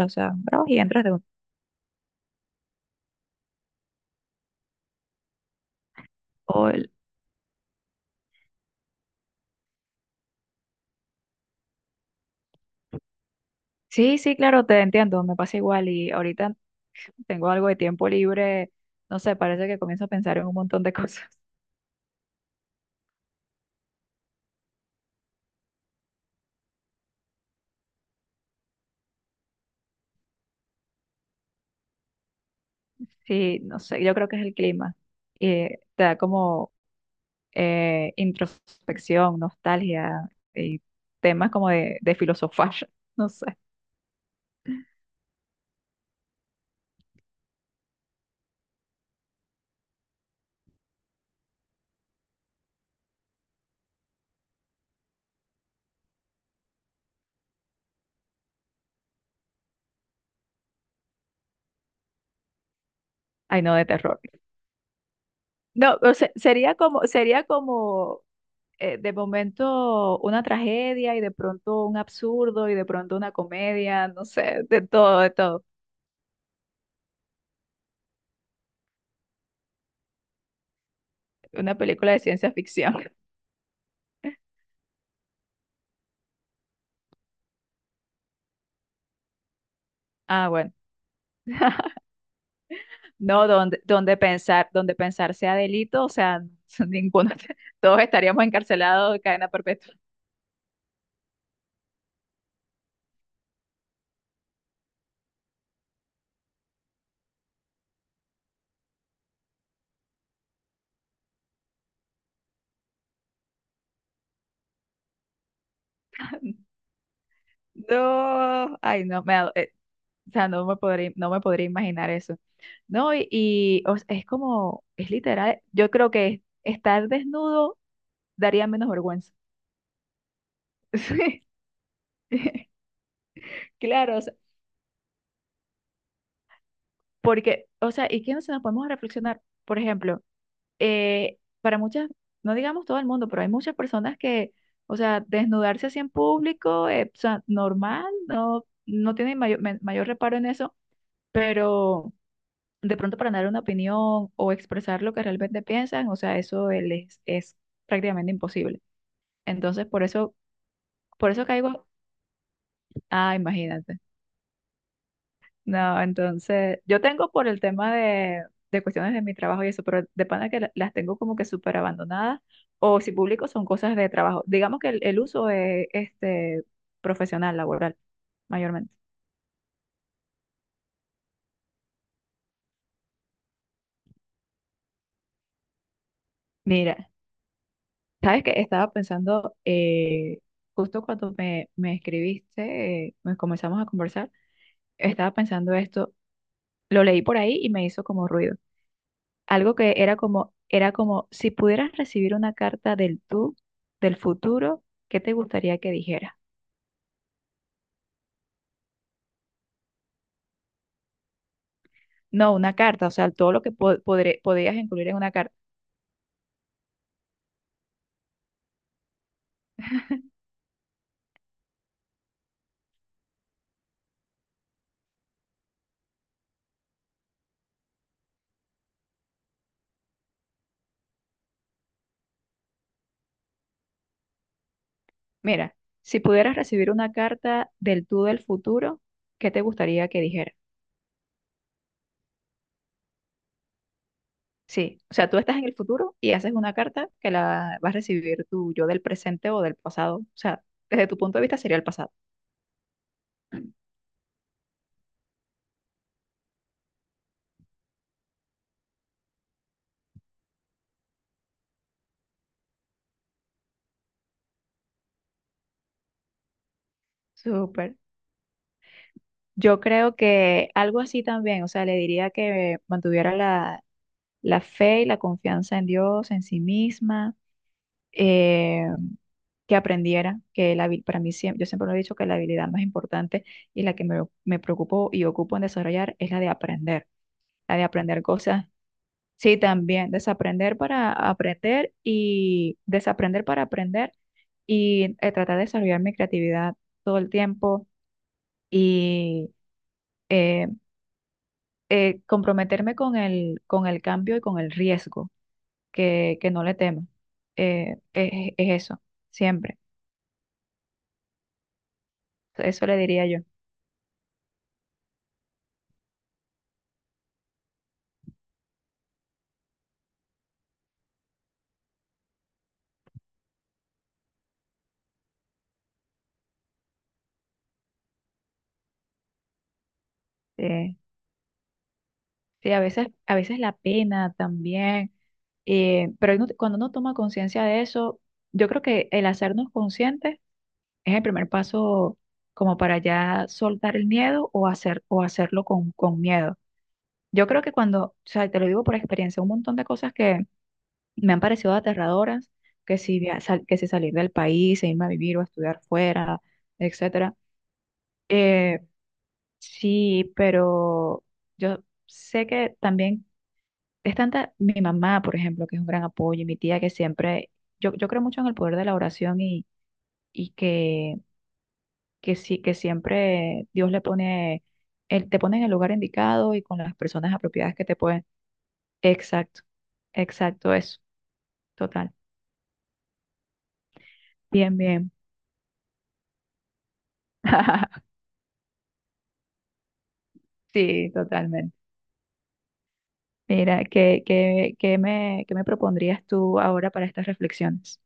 O sea, trabajas y entras de un... o el- Sí, sí, claro, te entiendo, me pasa igual y ahorita tengo algo de tiempo libre, no sé, parece que comienzo a pensar en un montón de cosas. Sí, no sé, yo creo que es el clima. Y te da como introspección, nostalgia y temas como de filosofar, no sé. Ay, no, de terror. No, o sea, sería como de momento una tragedia y de pronto un absurdo y de pronto una comedia, no sé, de todo, de todo. Una película de ciencia ficción. Ah, bueno. No, donde pensar, donde pensar sea delito, o sea, ninguno, todos estaríamos encarcelados de cadena perpetua. No, ay, no, o sea, no me podría imaginar eso. No, o sea, es como, es literal, yo creo que estar desnudo daría menos vergüenza. Sí, claro, o sea, porque, o sea, ¿y qué nos podemos reflexionar? Por ejemplo, para muchas, no digamos todo el mundo, pero hay muchas personas que, o sea, desnudarse así en público, o sea, normal, no, no tienen mayor, mayor reparo en eso, pero de pronto para dar una opinión o expresar lo que realmente piensan, o sea, eso les es prácticamente imposible. Entonces, por eso caigo, ah, imagínate. No, entonces, yo tengo por el tema de cuestiones de mi trabajo y eso, pero de pana que las tengo como que súper abandonadas, o si publico son cosas de trabajo. Digamos que el uso es este, profesional, laboral, mayormente. Mira, sabes que estaba pensando, justo cuando me escribiste, me comenzamos a conversar, estaba pensando esto, lo leí por ahí y me hizo como ruido. Algo que era como, si pudieras recibir una carta del tú, del futuro, ¿qué te gustaría que dijera? No, una carta, o sea, todo lo que podías incluir en una carta. Mira, si pudieras recibir una carta del tú del futuro, ¿qué te gustaría que dijera? Sí, o sea, tú estás en el futuro y haces una carta que la vas a recibir tú, yo del presente o del pasado. O sea, desde tu punto de vista sería el pasado. Súper. Yo creo que algo así también, o sea, le diría que mantuviera la fe y la confianza en Dios, en sí misma, eh, que aprendiera que para mí siempre, yo siempre lo he dicho que la habilidad más importante y la que me preocupo y ocupo en desarrollar es la de aprender cosas. Sí, también desaprender para aprender y desaprender para aprender y tratar de desarrollar mi creatividad todo el tiempo y eh, comprometerme con con el cambio y con el riesgo que no le tema. Es, es eso, siempre. Eso le diría yo. Eh, sí, a veces la pena también, pero cuando uno toma conciencia de eso, yo creo que el hacernos conscientes es el primer paso como para ya soltar el miedo o, hacer, o hacerlo con miedo. Yo creo que cuando, o sea, te lo digo por experiencia, un montón de cosas que me han parecido aterradoras, que si, que si salir del país, e irme a vivir o a estudiar fuera, etcétera. Eh, sí, pero yo sé que también es tanta mi mamá, por ejemplo, que es un gran apoyo, y mi tía que siempre, yo creo mucho en el poder de la oración y que sí, que siempre Dios le pone, él te pone en el lugar indicado y con las personas apropiadas que te pueden. Exacto, exacto, eso, total. Bien, bien. Sí, totalmente. Mira, ¿ qué me propondrías tú ahora para estas reflexiones?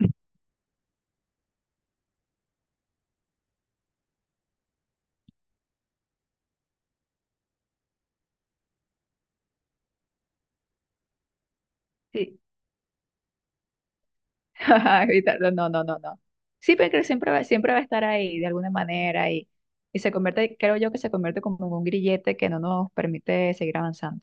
Sí. Evitarlo, no, no, no, no. Sí, pero creo que siempre va a estar ahí de alguna manera y se convierte, creo yo que se convierte como en un grillete que no nos permite seguir avanzando.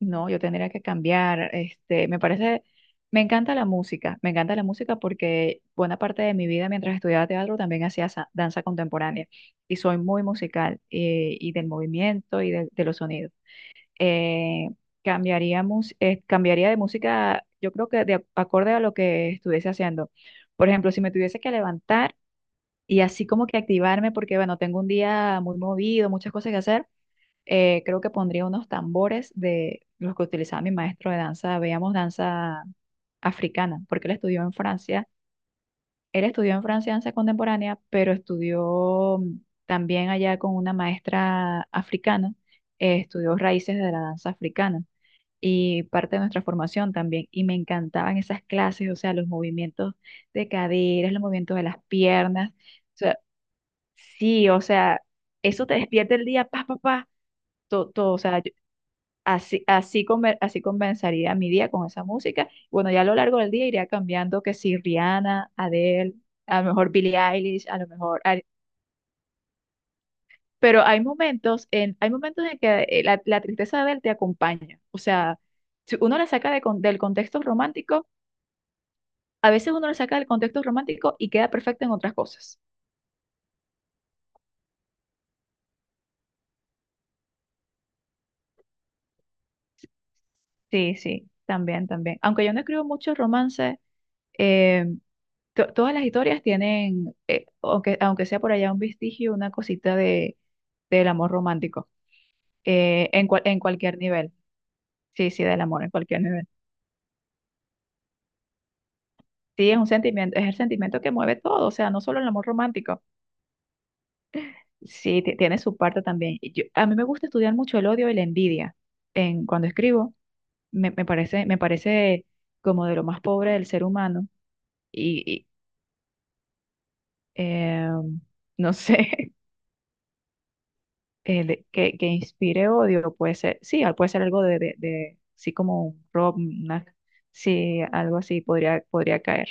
No, yo tendría que cambiar. Este, me parece, me encanta la música, me encanta la música porque buena parte de mi vida mientras estudiaba teatro también hacía danza contemporánea y soy muy musical y del movimiento y de los sonidos. eh, cambiaríamos, cambiaría de música, yo creo que de acorde a lo que estuviese haciendo. Por ejemplo, si me tuviese que levantar y así como que activarme, porque bueno, tengo un día muy movido, muchas cosas que hacer, creo que pondría unos tambores de los que utilizaba mi maestro de danza, veíamos danza africana, porque él estudió en Francia. Él estudió en Francia danza contemporánea, pero estudió también allá con una maestra africana, estudió raíces de la danza africana y parte de nuestra formación también. Y me encantaban esas clases, o sea, los movimientos de caderas, los movimientos de las piernas. O sea, sí, o sea, eso te despierta el día, pa, pa, pa, todo, todo, o sea, así, así, así comenzaría mi día con esa música. Bueno, ya a lo largo del día iría cambiando que si Rihanna, Adele, a lo mejor Billie Eilish, a lo mejor... Ari- Pero hay momentos en que la tristeza de Adele te acompaña. O sea, si uno la saca de del contexto romántico a veces uno lo saca del contexto romántico y queda perfecto en otras cosas. Sí, sí, también, también. Aunque yo no escribo muchos romances, eh, todas las historias tienen, aunque sea por allá un vestigio, una cosita del amor romántico, en cualquier nivel. Sí, sí, del amor en cualquier nivel. Sí, es un sentimiento, es el sentimiento que mueve todo, o sea, no solo el amor romántico. Sí, tiene su parte también. A mí me gusta estudiar mucho el odio y la envidia en, cuando escribo me parece como de lo más pobre del ser humano y, eh, no sé, el que inspire odio puede ser, sí, puede ser algo sí, como un rob, una, sí, algo así podría, podría caer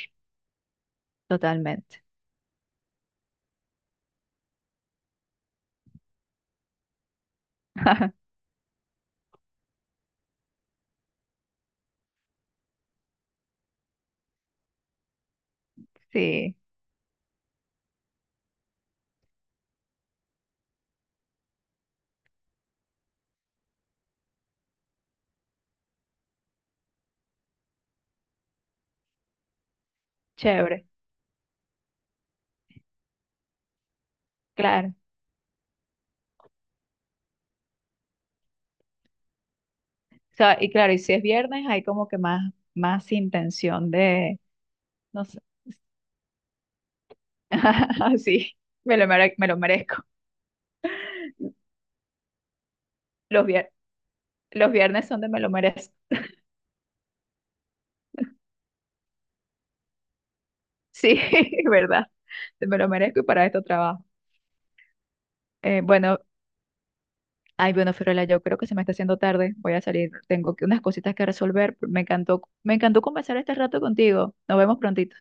totalmente. Sí, chévere, claro. O sea, y claro, y si es viernes hay como que más, más intención de, no sé, sí, me lo merezco. Los, vier- los viernes son de me lo merezco. Sí, verdad. Me lo merezco y para esto trabajo. Eh, bueno, ay, bueno, Fiorella, yo creo que se me está haciendo tarde. Voy a salir. Unas cositas que resolver. Me encantó conversar este rato contigo. Nos vemos prontito.